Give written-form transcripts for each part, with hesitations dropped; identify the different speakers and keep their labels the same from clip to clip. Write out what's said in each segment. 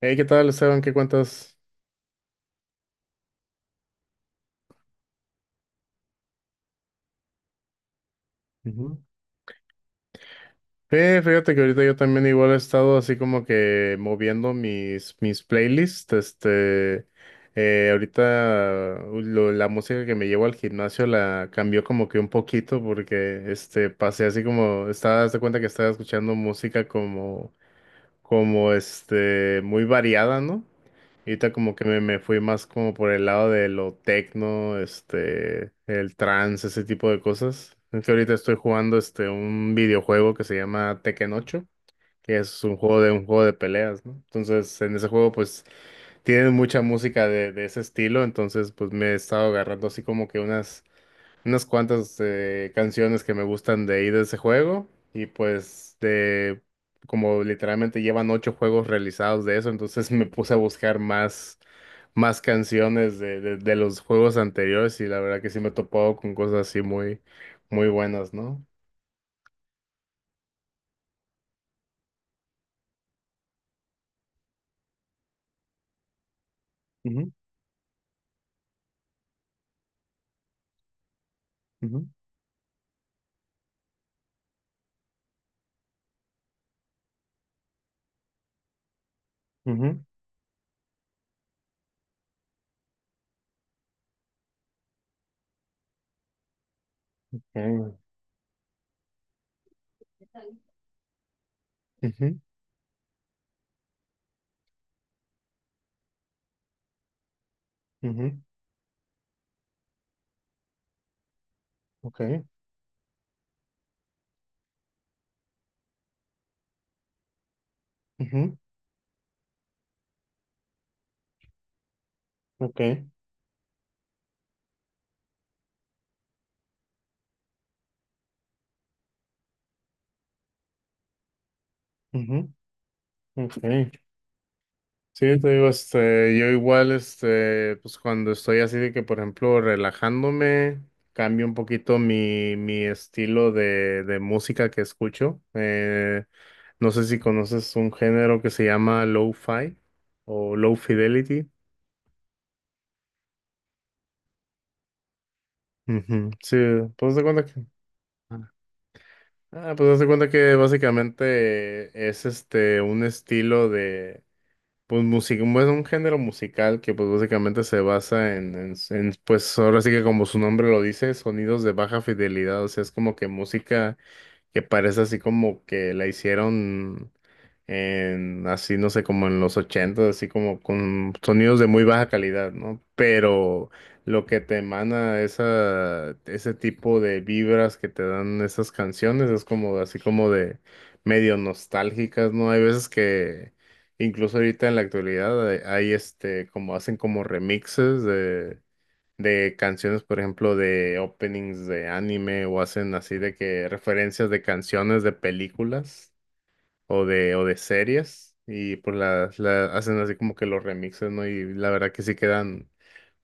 Speaker 1: Hey, ¿qué tal, Esteban? ¿Qué cuentas? Ujú. Fíjate que ahorita yo también igual he estado así como que moviendo mis playlists. Este, ahorita la música que me llevo al gimnasio la cambió como que un poquito porque este, pasé así como, estaba, haz de cuenta que estaba escuchando música como este, muy variada, ¿no? Ahorita como que me fui más como por el lado de lo tecno, este, el trance, ese tipo de cosas. Es que ahorita estoy jugando este un videojuego que se llama Tekken 8, que es un juego de peleas, ¿no? Entonces, en ese juego pues tienen mucha música de ese estilo, entonces pues me he estado agarrando así como que unas cuantas canciones que me gustan de ahí de ese juego y pues de como literalmente llevan ocho juegos realizados de eso, entonces me puse a buscar más, más canciones de los juegos anteriores y la verdad que sí me he topado con cosas así muy, muy buenas, ¿no? Ujú. Ujú. Ujú. eh, Ujú. Ujú. Ok. Ujú. Ok. Ujú. Ok. Sí, te digo, este, yo igual, este, pues cuando estoy así de que, por ejemplo, relajándome, cambio un poquito mi estilo de música que escucho. No sé si conoces un género que se llama lo-fi o low fidelity. Ujú. Sí, pues de cuenta que, ah, ah, pues haz de cuenta que básicamente es este un estilo de pues música, es un género musical que pues básicamente se basa en, pues ahora sí que como su nombre lo dice, sonidos de baja fidelidad, o sea, es como que música que parece así como que la hicieron en, así no sé, como en los ochentas, así como con sonidos de muy baja calidad, ¿no? Pero lo que te emana esa, ese tipo de vibras que te dan esas canciones es como así como de medio nostálgicas, ¿no? Hay veces que incluso ahorita en la actualidad hay, este, como hacen como remixes de canciones, por ejemplo, de openings de anime o hacen así de que referencias de canciones de películas o o de series y pues las hacen así como que los remixes, ¿no? Y la verdad que sí quedan,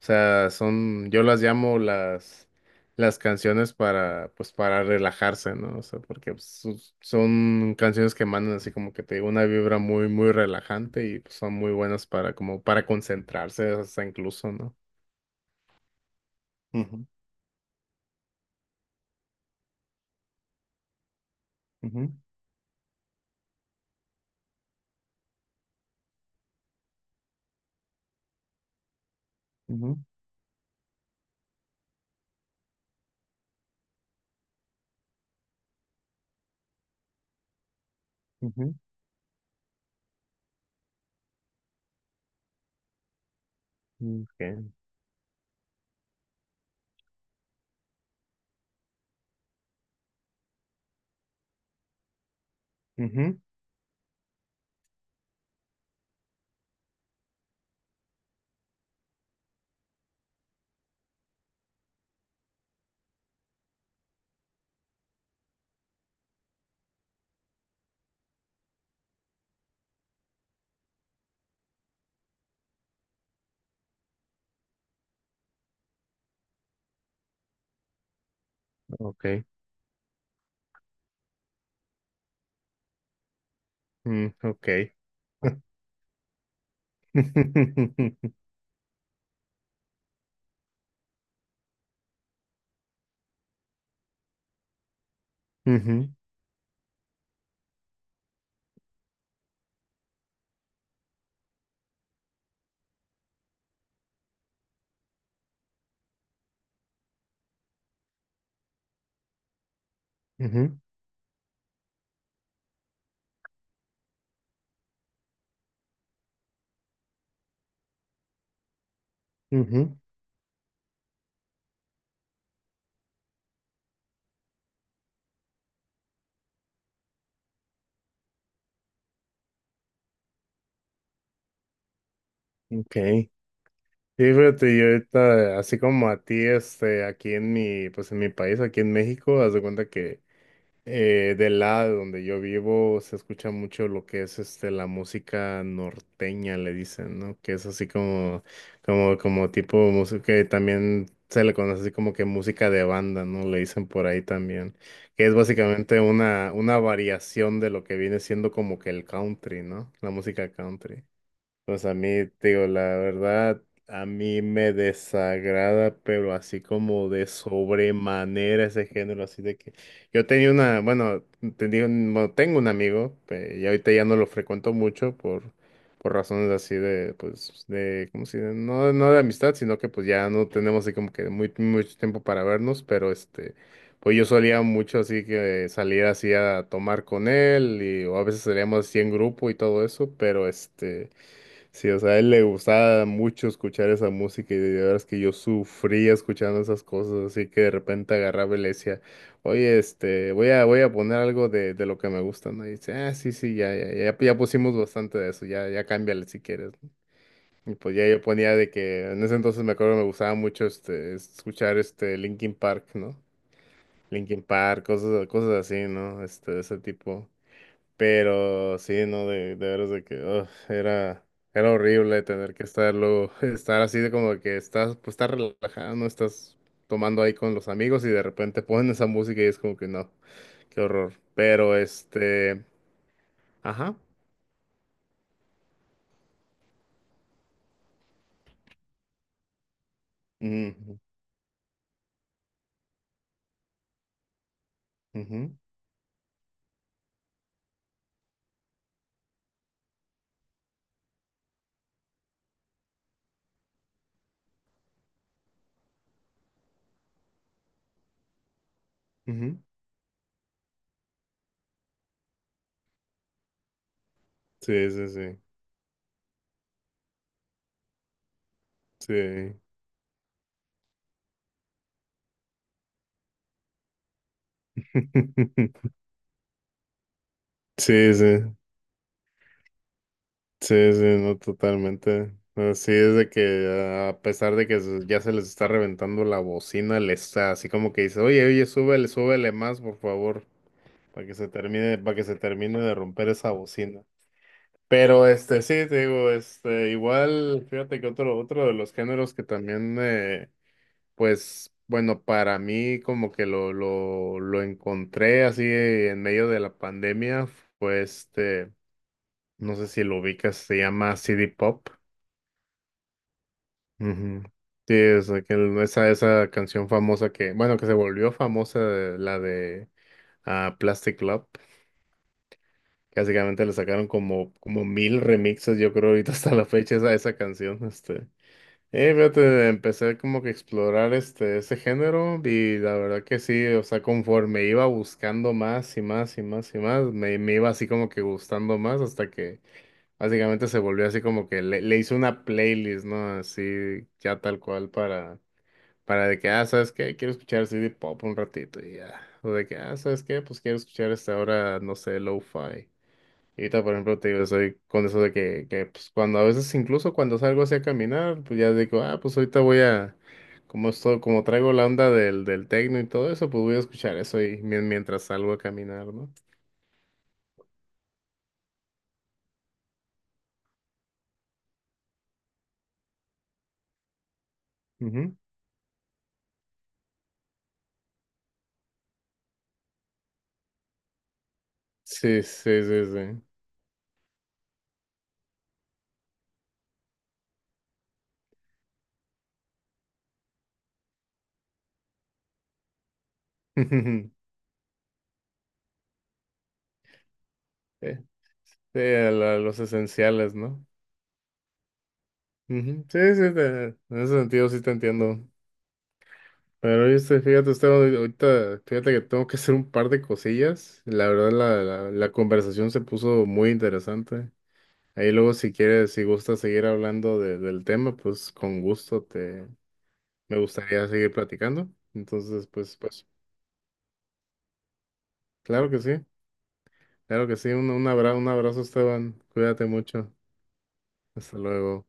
Speaker 1: o sea, son, yo las llamo las canciones para, pues para relajarse, ¿no? O sea, porque pues, son canciones que mandan así como que te digo una vibra muy, muy relajante y pues, son muy buenas para como para concentrarse hasta incluso, ¿no? Ujú. Ujú. Ujú. Ujú. Okay. Ujú. Okay. Mm, ok. Ujú. Ujú. Ujú. Ok. Sí, fíjate, yo ahorita, así como a ti, este, aquí en mi, pues en mi país, aquí en México, haz de cuenta que del lado donde yo vivo se escucha mucho lo que es este la música norteña, le dicen, ¿no? Que es así como, como tipo música que también se le conoce así como que música de banda, ¿no? Le dicen por ahí también. Que es básicamente una variación de lo que viene siendo como que el country, ¿no? La música country. Pues a mí, te digo, la verdad, a mí me desagrada, pero así como de sobremanera ese género, así de que yo tenía una, bueno, tenía un- bueno, tengo un amigo, y ahorita ya no lo frecuento mucho por, razones así de, pues, de, ¿cómo se dice? No, no de amistad, sino que pues ya no tenemos así como que muy, mucho tiempo para vernos, pero este, pues yo solía mucho así que salir así a tomar con él, y o a veces salíamos así en grupo y todo eso, pero este... Sí, o sea, a él le gustaba mucho escuchar esa música y de verdad es que yo sufría escuchando esas cosas, así que de repente agarraba y le decía, oye, este, voy a poner algo de lo que me gusta, ¿no? Y dice, ah, sí, sí, ya, ya, ya, ya pusimos bastante de eso, ya, ya cámbiale si quieres, ¿no? Y pues ya yo ponía de que, en ese entonces me acuerdo que me gustaba mucho este, escuchar este Linkin Park, ¿no? Linkin Park, cosas, cosas así, ¿no? Este, de ese tipo. Pero sí, no, de veras de que ugh, era horrible tener que estar luego, estar así de como que estás, pues estás relajado, no estás tomando ahí con los amigos y de repente ponen esa música y es como que no, qué horror. Pero este, ajá. Ujú. Ujú. Ujú. Sí, sí, sí. Sí. Sí, sí. Sí, sí, no, totalmente. Así es de que ah, a pesar de que ya se les está reventando la bocina, les está así como que dice, oye, oye, súbele, súbele más, por favor, para que se termine, para que se termine de romper esa bocina. Pero este, sí, te digo, este, igual, fíjate que otro, otro de los géneros que también, pues, bueno, para mí como que lo encontré así en medio de la pandemia, fue este, no sé si lo ubicas, se llama CD Pop. Ujú. Sí, es aquel- esa canción famosa que, bueno, que se volvió famosa, la de ah, Plastic Love. Que básicamente le sacaron como, como mil remixes, yo creo, ahorita hasta la fecha, esa canción. Este. Fíjate, empecé como que a explorar este, ese género y la verdad que sí, o sea, conforme iba buscando más y más y más y más, me iba así como que gustando más hasta que básicamente se volvió así como que le hice una playlist, ¿no? Así ya tal cual para de que, ah, ¿sabes qué? Quiero escuchar CD pop un ratito y ya. O de que, ah, ¿sabes qué? Pues quiero escuchar hasta ahora, no sé, lo-fi. Y ahorita, por ejemplo, te digo, soy con eso de que, pues cuando a veces, incluso cuando salgo así a caminar, pues ya digo, ah, pues ahorita voy a, como esto, como traigo la onda del techno y todo eso, pues voy a escuchar eso y mientras salgo a caminar, ¿no? Ujú. Sí, sí, sí, sí. Sí, sí, a la- los esenciales, ¿no? Ujú. Sí, sí, te- en ese sentido sí te entiendo. Pero este, fíjate, Esteban, ahorita, fíjate que tengo que hacer un par de cosillas. La verdad, la conversación se puso muy interesante. Ahí luego, si quieres, si gustas seguir hablando del tema, pues con gusto te, me gustaría seguir platicando. Entonces, claro que sí, claro que sí. Un abrazo, un abrazo, Esteban. Cuídate mucho. Hasta luego.